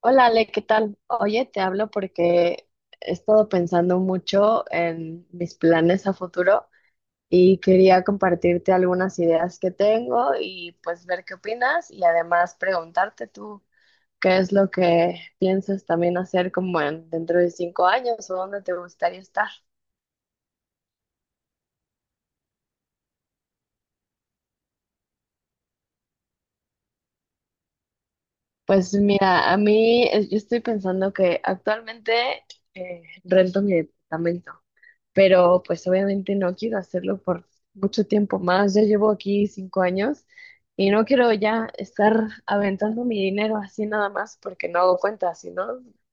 Hola Ale, ¿qué tal? Oye, te hablo porque he estado pensando mucho en mis planes a futuro y quería compartirte algunas ideas que tengo y pues ver qué opinas y además preguntarte tú qué es lo que piensas también hacer como dentro de 5 años o dónde te gustaría estar. Pues mira, a mí yo estoy pensando que actualmente rento mi departamento. Pero pues obviamente no quiero hacerlo por mucho tiempo más. Ya llevo aquí 5 años y no quiero ya estar aventando mi dinero así nada más porque no hago cuentas, sino,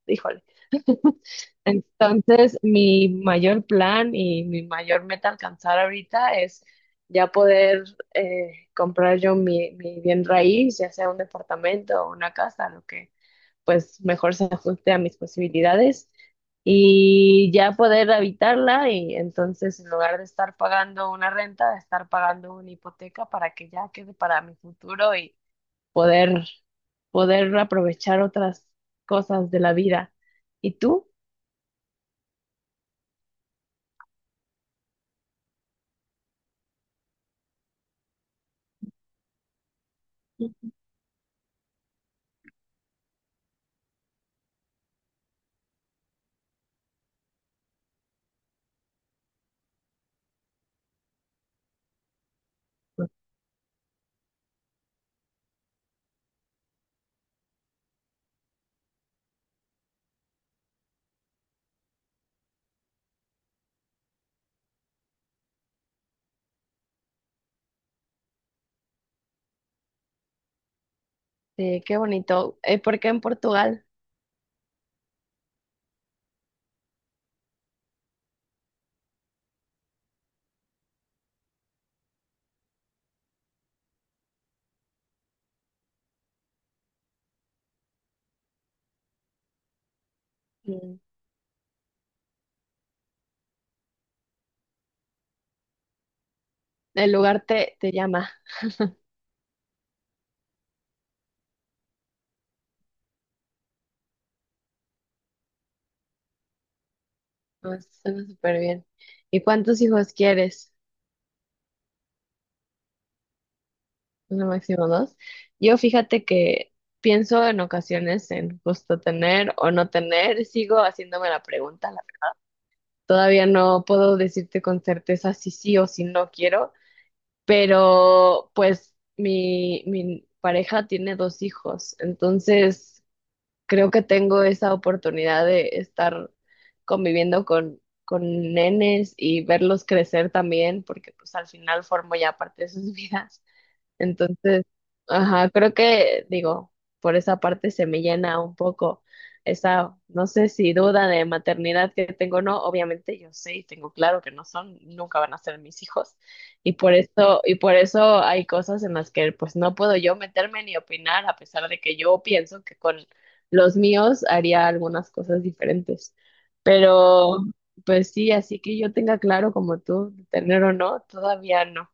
híjole. Entonces, mi mayor plan y mi mayor meta a alcanzar ahorita es ya poder comprar yo mi bien raíz, ya sea un departamento o una casa, lo que pues mejor se ajuste a mis posibilidades y ya poder habitarla y entonces en lugar de estar pagando una renta, de estar pagando una hipoteca para que ya quede para mi futuro y poder aprovechar otras cosas de la vida. ¿Y tú? Qué bonito. ¿Por qué en Portugal? Mm, El lugar te llama. No, suena súper bien. ¿Y cuántos hijos quieres? No, máximo dos. Yo fíjate que pienso en ocasiones en justo tener o no tener, sigo haciéndome la pregunta. La Todavía no puedo decirte con certeza si sí o si no quiero, pero pues mi pareja tiene dos hijos, entonces creo que tengo esa oportunidad de estar conviviendo con nenes y verlos crecer también, porque pues al final formo ya parte de sus vidas. Entonces, ajá, creo que, digo, por esa parte se me llena un poco esa, no sé si duda de maternidad que tengo o no, obviamente yo sé y tengo claro que no son, nunca van a ser mis hijos, y por eso hay cosas en las que pues no puedo yo meterme ni opinar, a pesar de que yo pienso que con los míos haría algunas cosas diferentes. Pero, pues sí, así que yo tenga claro como tú, tener o no, todavía no.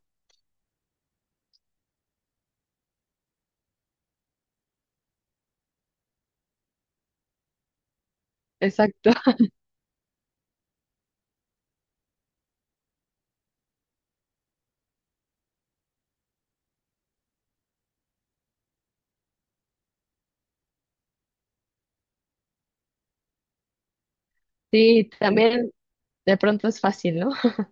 Exacto. Sí, también de pronto es fácil, ¿no?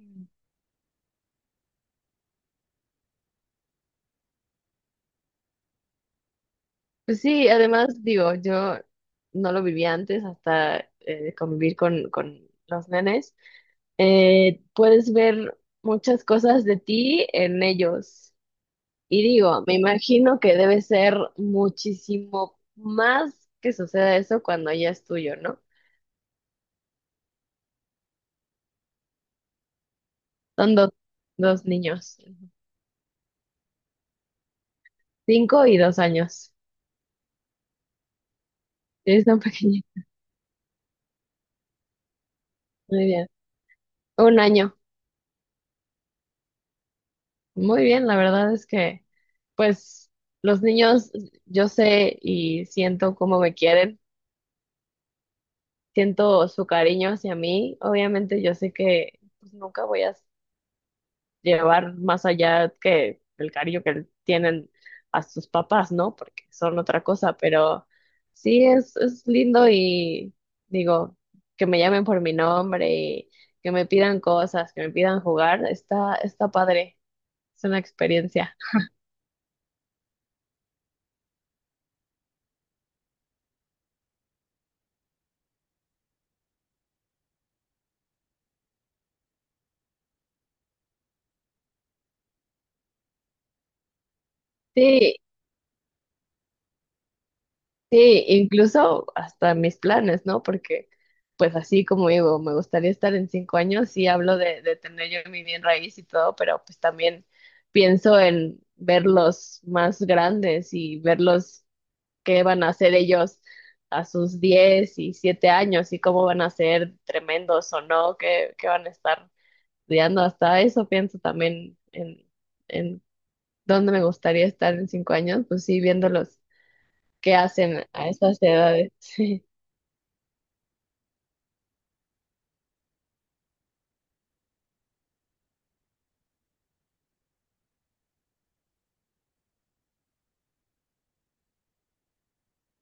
Mm. Pues sí, además digo, yo no lo viví antes hasta convivir con los nenes. Puedes ver muchas cosas de ti en ellos. Y digo, me imagino que debe ser muchísimo más que suceda eso cuando ya es tuyo, ¿no? Son dos, dos niños, 5 y 2 años. Es tan pequeño, muy bien. Un año. Muy bien, la verdad es que, pues, los niños, yo sé y siento cómo me quieren, siento su cariño hacia mí. Obviamente, yo sé que pues, nunca voy a llevar más allá que el cariño que tienen a sus papás, ¿no? Porque son otra cosa, pero sí es lindo y digo, que me llamen por mi nombre y que me pidan cosas, que me pidan jugar, está, está padre, es una experiencia. Sí, sí, incluso hasta mis planes, ¿no? Porque, pues así como digo, me gustaría estar en 5 años, sí hablo de tener yo mi bien raíz y todo, pero pues también pienso en verlos más grandes y verlos qué van a hacer ellos a sus 17 años y cómo van a ser tremendos o no, qué, qué van a estar estudiando. Hasta eso pienso también en dónde me gustaría estar en cinco años, pues sí, viéndolos que hacen a esas edades. Sí,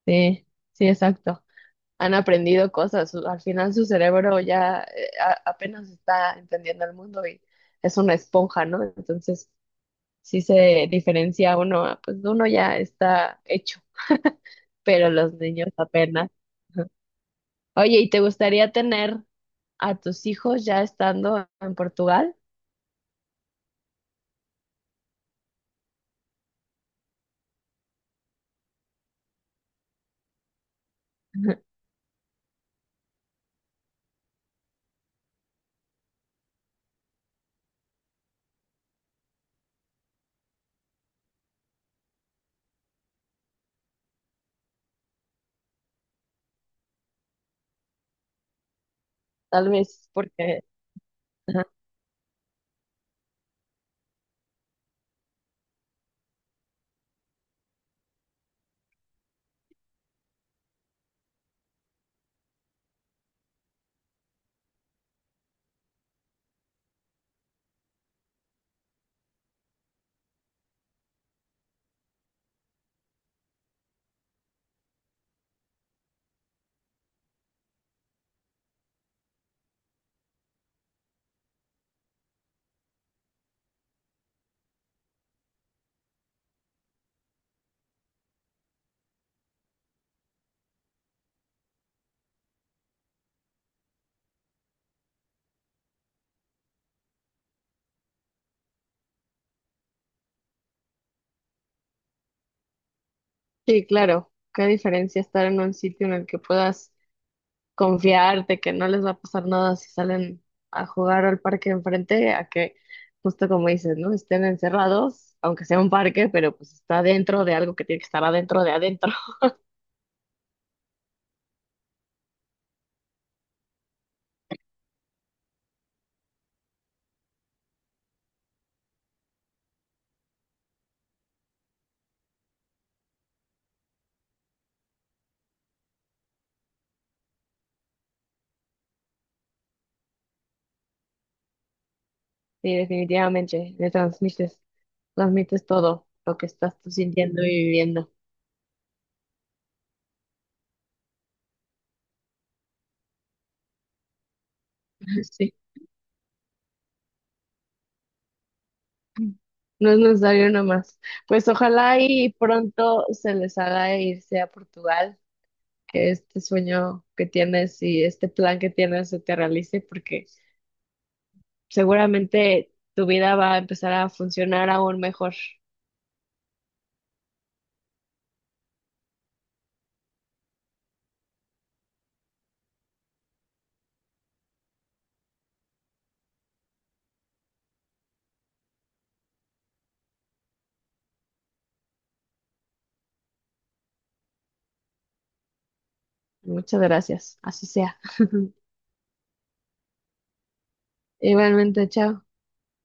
sí, sí, exacto. Han aprendido cosas. Al final su cerebro ya apenas está entendiendo el mundo y es una esponja, ¿no? Entonces, sí se diferencia uno, pues uno ya está hecho, pero los niños apenas. Oye, ¿y te gustaría tener a tus hijos ya estando en Portugal? Tal vez porque. Ajá. Sí, claro. Qué diferencia estar en un sitio en el que puedas confiarte que no les va a pasar nada si salen a jugar al parque enfrente, a que, justo como dices, ¿no? Estén encerrados, aunque sea un parque, pero pues está dentro de algo que tiene que estar adentro de adentro. Sí, definitivamente, le transmites, todo lo que estás tú sintiendo y viviendo. Sí. No es necesario nomás. Pues ojalá y pronto se les haga irse a Portugal, que este sueño que tienes y este plan que tienes se te realice, porque seguramente tu vida va a empezar a funcionar aún mejor. Muchas gracias. Así sea. Igualmente, chao.